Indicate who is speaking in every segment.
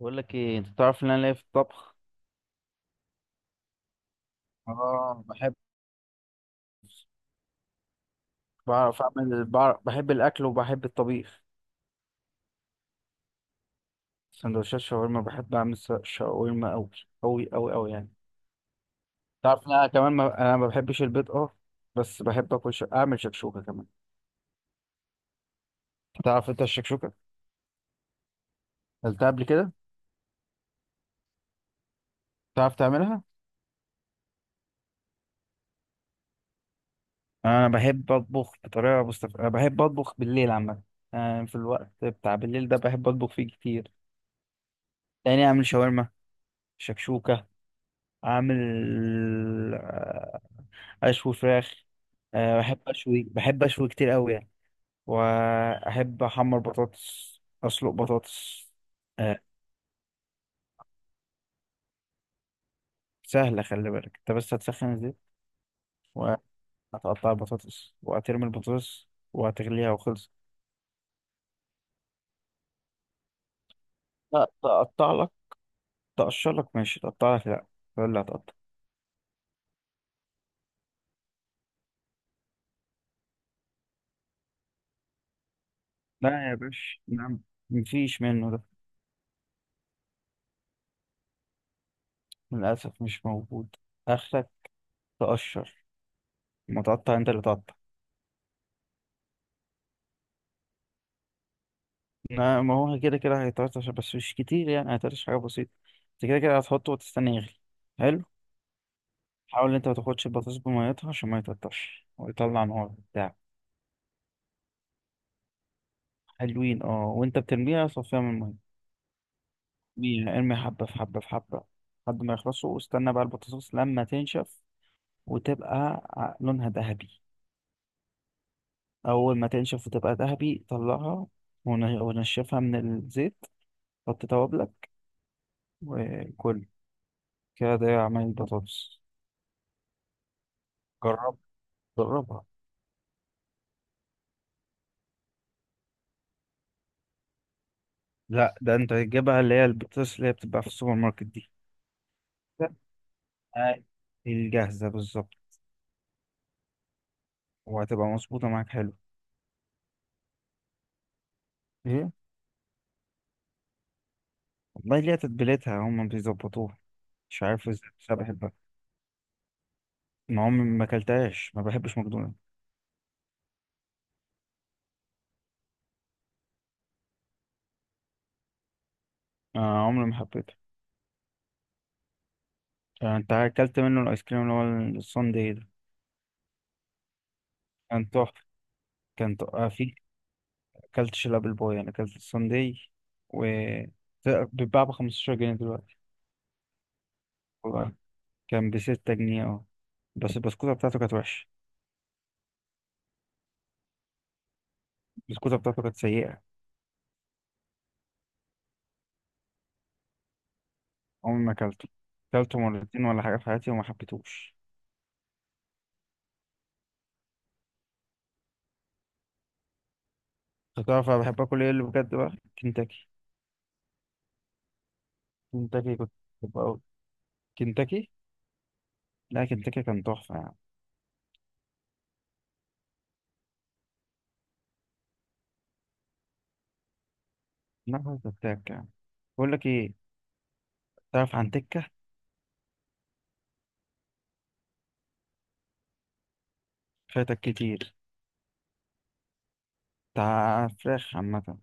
Speaker 1: بقول لك ايه، انت تعرف ان انا ليا في الطبخ. اه بحب، بعرف اعمل، بعرف بحب الاكل وبحب الطبيخ. سندوتشات شاورما بحب اعمل شاورما قوي قوي قوي قوي يعني. تعرف ان انا كمان ما... انا ما بحبش البيض اه، بس بحب اكل اعمل شكشوكه كمان. تعرف انت الشكشوكه؟ قلتها قبل كده. تعرف تعملها؟ انا بحب اطبخ أنا بحب اطبخ بالليل عامه. أنا في الوقت بتاع بالليل ده بحب اطبخ فيه كتير. يعني اعمل شاورما، شكشوكه، اعمل اشوي فراخ. أه بحب اشوي، بحب اشوي كتير قوي يعني. واحب احمر بطاطس، اسلق بطاطس. أه سهله، خلي بالك انت بس هتسخن الزيت وهتقطع البطاطس وهترمي البطاطس وهتغليها وخلص. لا تقطع لك، تقشر لك ماشي، تقطع لك لا، ولا هتقطع. لا يا باشا، نعم، مفيش منه ده. للاسف مش موجود. اخرك تقشر، ما تقطع، انت اللي تقطع. ما هو كده كده هيتقطع عشان- بس مش كتير يعني، هيتقطع حاجة بسيطة. انت كده كده هتحطه وتستنى يغلي. حلو. حاول انت ما تاخدش البطاطس بميتها عشان ما يتقطعش ويطلع نار بتاع. حلوين اه، وانت بترميها صفيها من المية. ارمي حبة في حبة في حبة لحد ما يخلصوا، واستنى بقى البطاطس لما تنشف وتبقى لونها ذهبي. أول ما تنشف وتبقى ذهبي طلعها ونشفها من الزيت، حط توابلك وكل. كده ده عمل البطاطس. جرب، جربها. لا، ده انت تجيبها اللي هي البطاطس اللي هي بتبقى في السوبر ماركت دي. آه، الجاهزة بالظبط. وهتبقى مظبوطة معاك، حلو. ايه والله، ليها تتبيلتها هم بيظبطوها. مش عارف ازاي بس انا بحبها. ما عمري ما اكلتهاش، ما بحبش ماكدونالدز. آه، عمري ما حبيته. آه، انت اكلت منه الايس كريم اللي هو الساندي ده؟ كان تحفة، كان تحفة آه. في اكلتش الابل بوي، انا اكلت الساندي، و ده بيتباع ب 15 جنيه دلوقتي. والله كان ب 6 جنيه اه. بس البسكوتة بتاعته كانت وحشة، البسكوتة بتاعته كانت سيئة. عمري ما اكلته، اكلته مرتين ولا حاجه في حياتي وما حبيتهوش. انت تعرف انا بحب اكل ايه اللي بجد بقى؟ كنتاكي، كنتاكي، كنت بحبه قوي. كنتاكي، لا كنتاكي كان تحفه يعني. نفس التاك يعني. بقول لك ايه، تعرف عن تكه؟ فاتك كتير. بتاع فراخ عامه.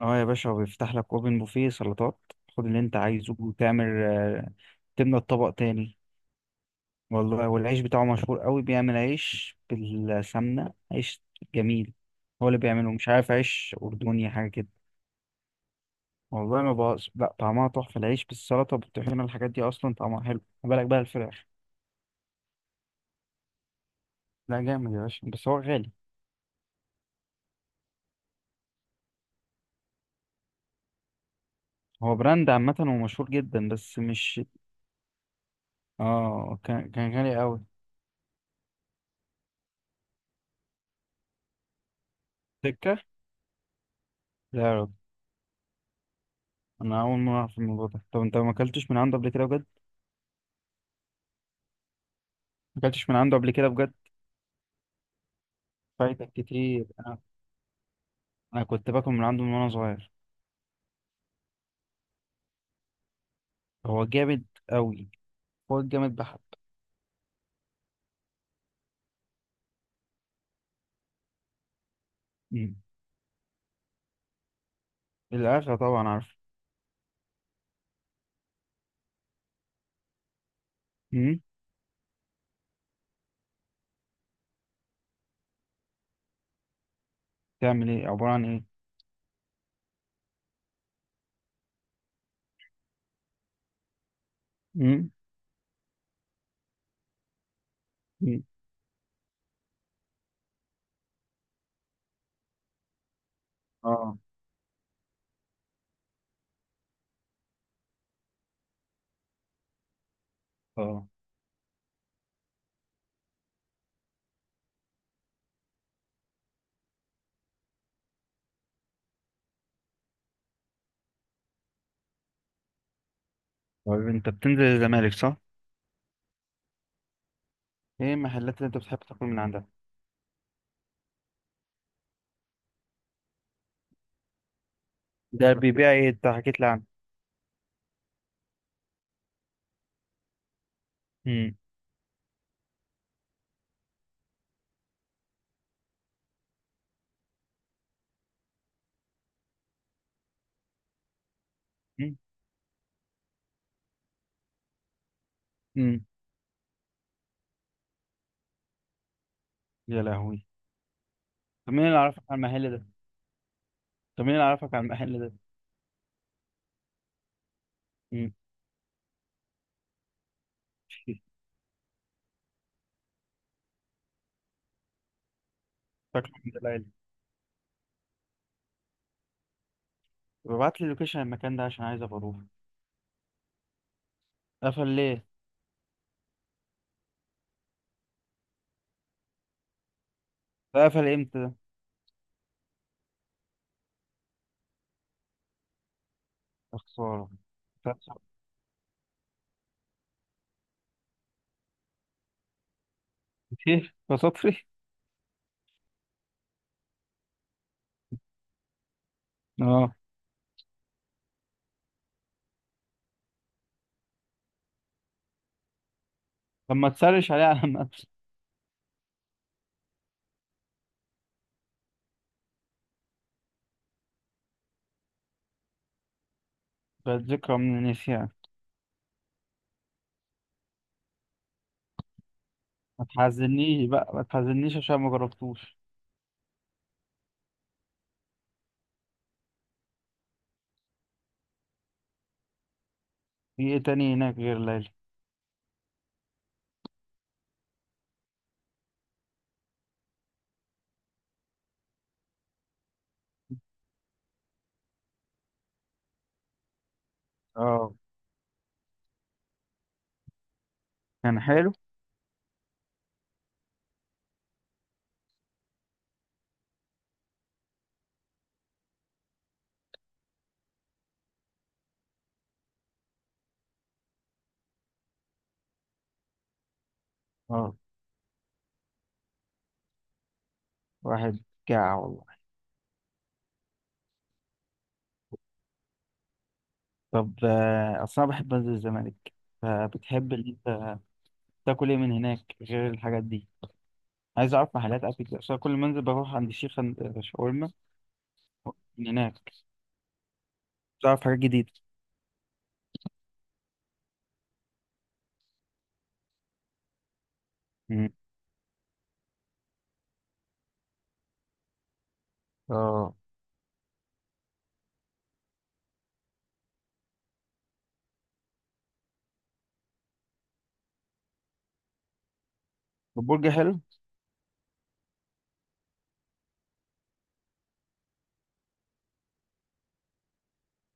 Speaker 1: اه يا باشا، وبيفتح لك اوبن بوفيه سلطات، خد اللي انت عايزه وتعمل آه، تملى الطبق تاني. والله والعيش بتاعه مشهور قوي، بيعمل عيش بالسمنه، عيش جميل. هو اللي بيعمله مش عارف، عيش اردني حاجه كده. والله ما بقاش، لا طعمها تحفة، العيش بالسلطة والطحينة الحاجات دي أصلا طعمها حلو، ما بالك بقى الفراخ. لا جامد يا باشا، بس هو غالي. هو براند عامة ومشهور جدا بس مش. اه كان كان غالي أوي. سكة. لا يا راجل، أنا أول مرة أعرف الموضوع ده. طب أنت ما أكلتش من عنده قبل كده بجد؟ ما أكلتش من عنده قبل كده بجد؟ فايتك كتير، أنا أنا كنت باكل من عنده من وأنا صغير. هو جامد أوي، هو جامد بحت. مم. الأكلة طبعا عارف. مم. تعمل إيه، عبارة عن إيه؟ مم. مم. اه. اه طيب انت بتنزل الزمالك صح؟ ايه المحلات اللي انت بتحب تاكل من عندها؟ ده بيبيع ايه، انت حكيت لي عنه؟ مم. مم. مم. يا لهوي. طب مين اللي عرفك على المحل ده؟ طب مين اللي عرفك على المحل ده؟ مم. شكله من دلالي. طب ابعت لي لوكيشن المكان ده عشان عايز ابقى اروح. قفل ليه؟ ده قفل امتى ده؟ يا خسارة. كتير بسطري؟ اه. طب ما تسرش عليه على المابس. بقت ذكرى من النسيان. ما تحزنيش بقى، ما تحزنيش عشان ما جربتوش. في ايه تاني هناك غير ليلى؟ اه. كان حلو؟ اه. واحد جاع والله. طب آه، أصل أنا بحب أنزل الزمالك، فبتحب إن أنت تاكل إيه من هناك غير الحاجات دي. عايز أعرف محلات أكل كده، عشان كل ما أنزل بروح عند الشيخ، عند شاورما من هناك. تعرف حاجات جديدة. مم. آه. البرجر حلو.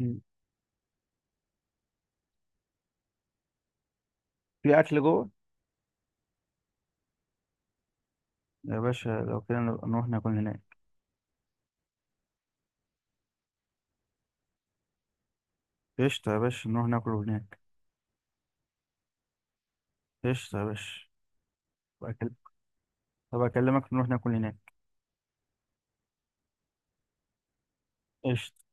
Speaker 1: مم. في أكل جوه. يا باشا لو كده نبقى نروح ناكل هناك. قشطة يا باشا، نروح ناكل هناك. قشطة يا باشا. طب أكلمك نروح ناكل هناك. قشطة.